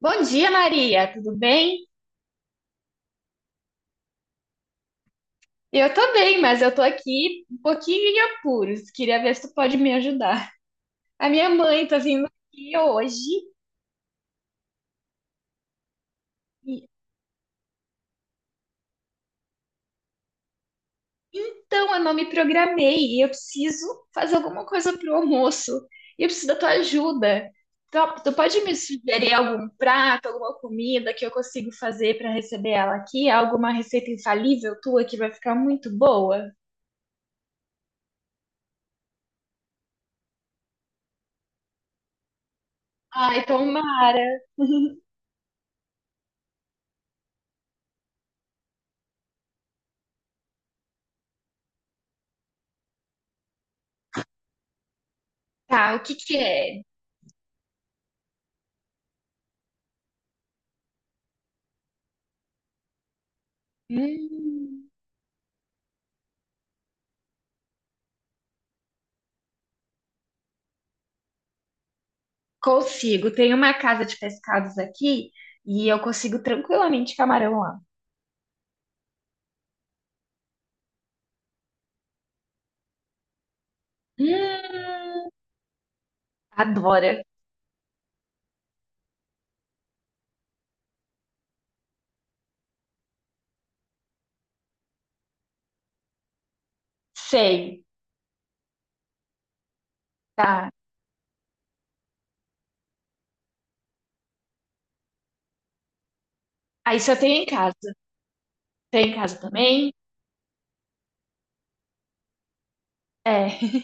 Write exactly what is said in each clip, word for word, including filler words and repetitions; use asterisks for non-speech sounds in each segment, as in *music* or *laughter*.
Bom dia, Maria, tudo bem? Eu tô bem, mas eu tô aqui um pouquinho em apuros. Queria ver se tu pode me ajudar. A minha mãe tá vindo aqui hoje e então eu não me programei e eu preciso fazer alguma coisa pro almoço. E eu preciso da tua ajuda. Tu, tu pode me sugerir algum prato, alguma comida que eu consigo fazer pra receber ela aqui? Alguma receita infalível tua que vai ficar muito boa? Ai, tomara. Tá, o que que é? Hum. Consigo. Tem uma casa de pescados aqui e eu consigo tranquilamente camarão lá. Hum, Adora. Sei, tá. Aí só tenho em casa. Tem em casa também. É.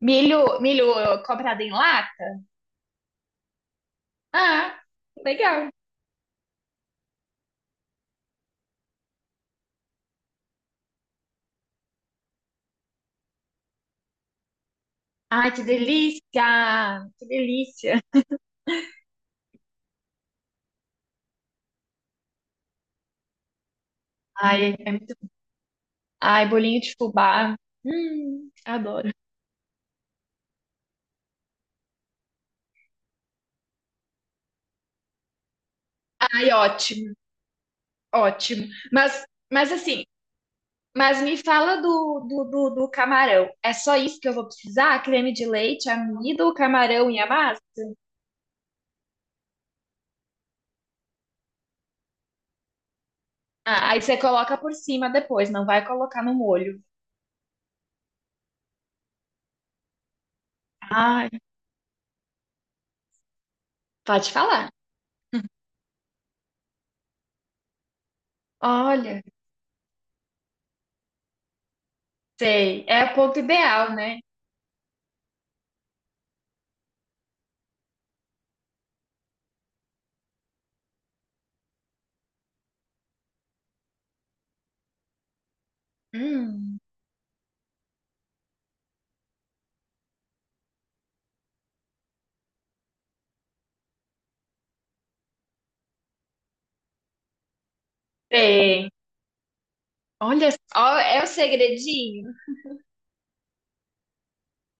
Milho, milho eh, comprado em lata? Ah, legal. Ai, que delícia! Que delícia! Ai, é muito... Ai, bolinho de fubá. Hum, adoro. Ai, ótimo, ótimo. Mas, mas assim, mas me fala do, do, do, do camarão. É só isso que eu vou precisar? Creme de leite, amido, camarão e a massa? Ah, aí você coloca por cima depois, não vai colocar no molho. Ai, pode falar. Olha, sei. É o ponto ideal, né? Hum, sei. Olha, ó, é o segredinho.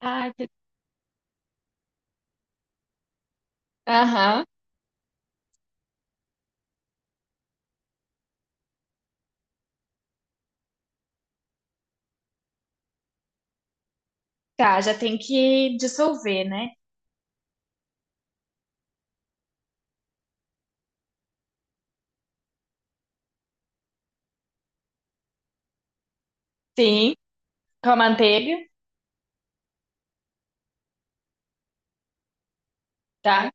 Ai, que- aham. Tá, já tem que dissolver, né? Sim, com a manteiga, tá?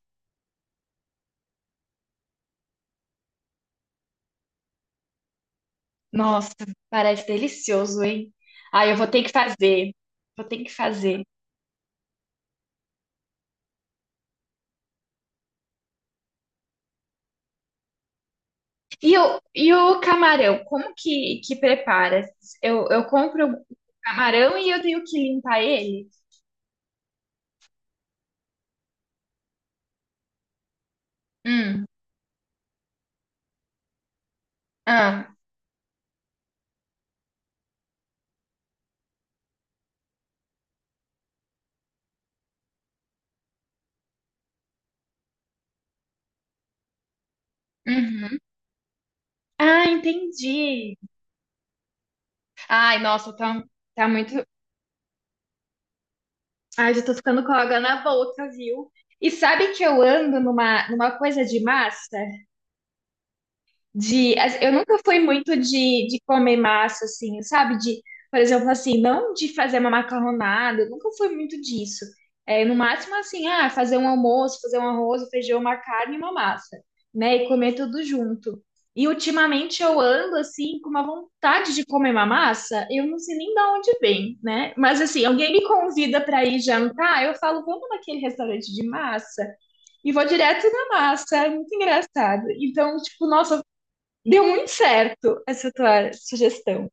Nossa, parece delicioso, hein? Ah, eu vou ter que fazer. Vou ter que fazer. E o, e o camarão, como que, que prepara? Eu, eu compro o camarão e eu tenho que limpar ele? Hum, ah, uhum. Ah, entendi. Ai, nossa, tá, tá muito. Ai, já tô ficando com água na boca, viu? E sabe que eu ando numa, numa coisa de massa? De, as- eu nunca fui muito de, de comer massa, assim, sabe? De, por exemplo, assim, não de fazer uma macarronada, eu nunca fui muito disso. É, no máximo, assim, ah, fazer um almoço, fazer um arroz, um feijão, uma carne e uma massa, né? E comer tudo junto. E ultimamente eu ando, assim, com uma vontade de comer uma massa, eu não sei nem de onde vem, né? Mas, assim, alguém me convida para ir jantar, eu falo, vamos naquele restaurante de massa? E vou direto na massa, é muito engraçado. Então, tipo, nossa, deu muito certo essa tua sugestão.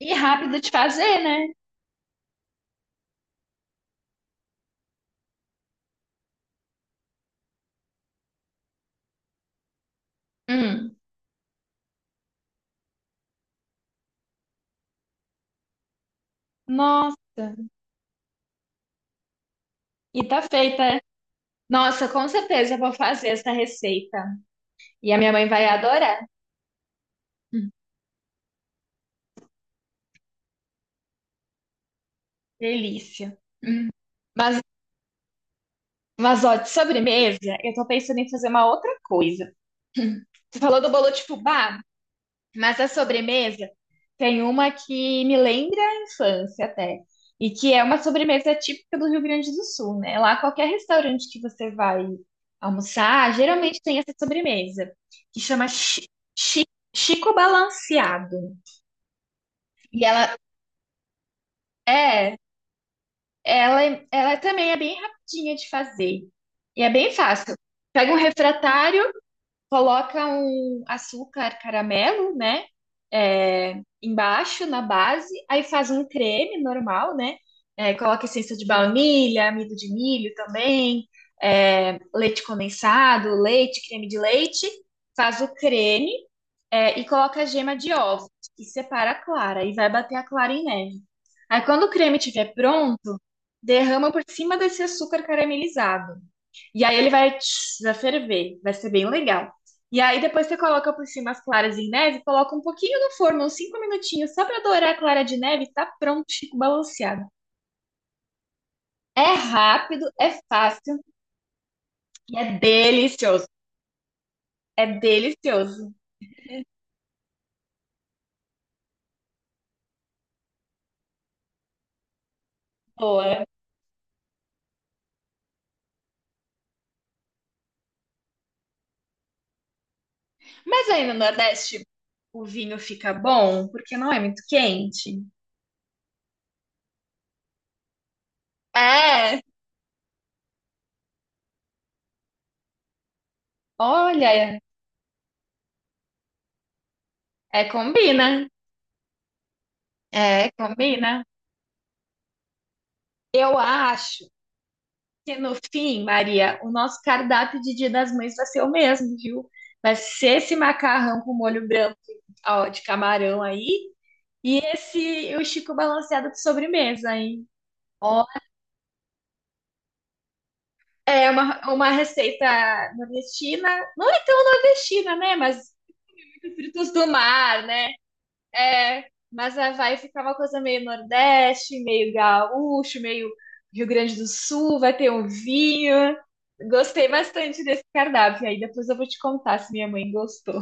E rápido de fazer, né? Hum. Nossa, e tá feita. Nossa, com certeza eu vou fazer essa receita. E a minha mãe vai adorar. Hum, delícia. Hum. Mas, mas ó, de sobremesa, eu tô pensando em fazer uma outra coisa. Você falou do bolo de fubá? Mas a sobremesa tem uma que me lembra a infância até, e que é uma sobremesa típica do Rio Grande do Sul, né? Lá qualquer restaurante que você vai almoçar, geralmente tem essa sobremesa, que chama chi- chi- Chico Balanceado. E ela é, ela, ela também é bem rapidinha de fazer. E é bem fácil. Pega um refratário, coloca um açúcar caramelo, né? É, embaixo na base, aí faz um creme normal, né? É, coloca essência de baunilha, amido de milho também, é, leite condensado, leite, creme de leite, faz o creme, é, e coloca a gema de ovo e separa a clara e vai bater a clara em neve. Aí quando o creme estiver pronto, derrama por cima desse açúcar caramelizado. E aí ele vai, tch, vai ferver, vai ser bem legal. E aí depois você coloca por cima as claras em neve, coloca um pouquinho no forno, uns cinco minutinhos, só pra dourar a clara de neve, e tá pronto, Chico balanceado. É rápido, é fácil e é delicioso. É delicioso. Boa. Mas aí no Nordeste o vinho fica bom porque não é muito quente. É, olha, é combina. É, combina. Eu acho. Porque no fim, Maria, o nosso cardápio de Dia das Mães vai ser o mesmo, viu? Vai ser esse macarrão com molho branco ó, de camarão aí e esse o Chico balanceado de sobremesa, hein? Ó, é uma, uma receita nordestina, não é tão nordestina, né? Mas frutos do mar, né? É, mas a vai ficar uma coisa meio Nordeste, meio gaúcho, meio Rio Grande do Sul, vai ter um vinho. Gostei bastante desse cardápio. Aí depois eu vou te contar se minha mãe gostou.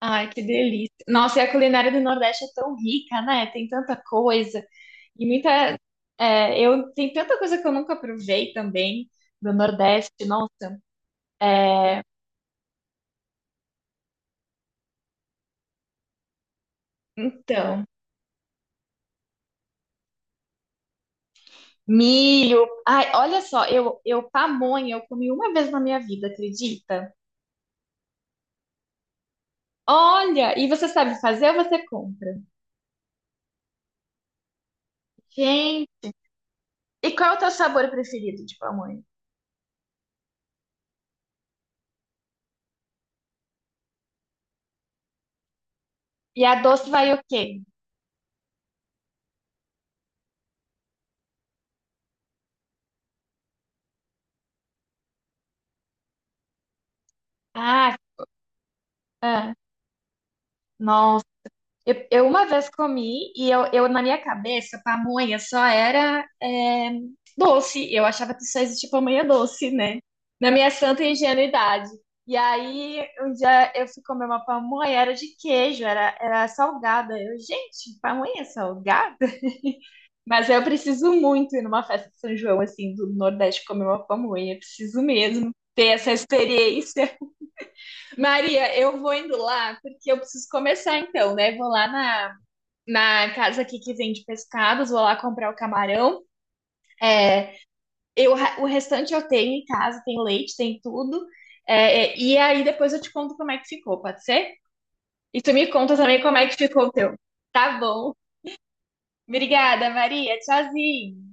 Ai, que delícia. Nossa, e a culinária do Nordeste é tão rica, né? Tem tanta coisa. E muita. É, eu, tem tanta coisa que eu nunca provei também do Nordeste. Nossa. É, então. Milho. Ai, olha só, eu, eu pamonha, eu comi uma vez na minha vida, acredita? Olha, e você sabe fazer ou você compra? Gente, e qual é o teu sabor preferido de pamonha? E a doce vai o quê? Ah, ah, nossa. Eu, eu uma vez comi e eu, eu na minha cabeça pamonha só era é, doce. Eu achava que só existia pamonha doce, né? Na minha santa ingenuidade. E aí um dia eu fui comer uma pamonha, era de queijo, era, era salgada. Eu, gente, pamonha salgada? *laughs* Mas eu preciso muito ir numa festa de São João, assim, do Nordeste comer uma pamonha. Eu preciso mesmo ter essa experiência. *laughs* Maria, eu vou indo lá, porque eu preciso começar então, né? Vou lá na, na casa aqui que vende pescados, vou lá comprar o camarão. É, eu, o restante eu tenho em casa, tem leite, tem tudo. É, é, e aí depois eu te conto como é que ficou, pode ser? E tu me conta também como é que ficou o teu. Tá bom. Obrigada, Maria. Tchauzinho.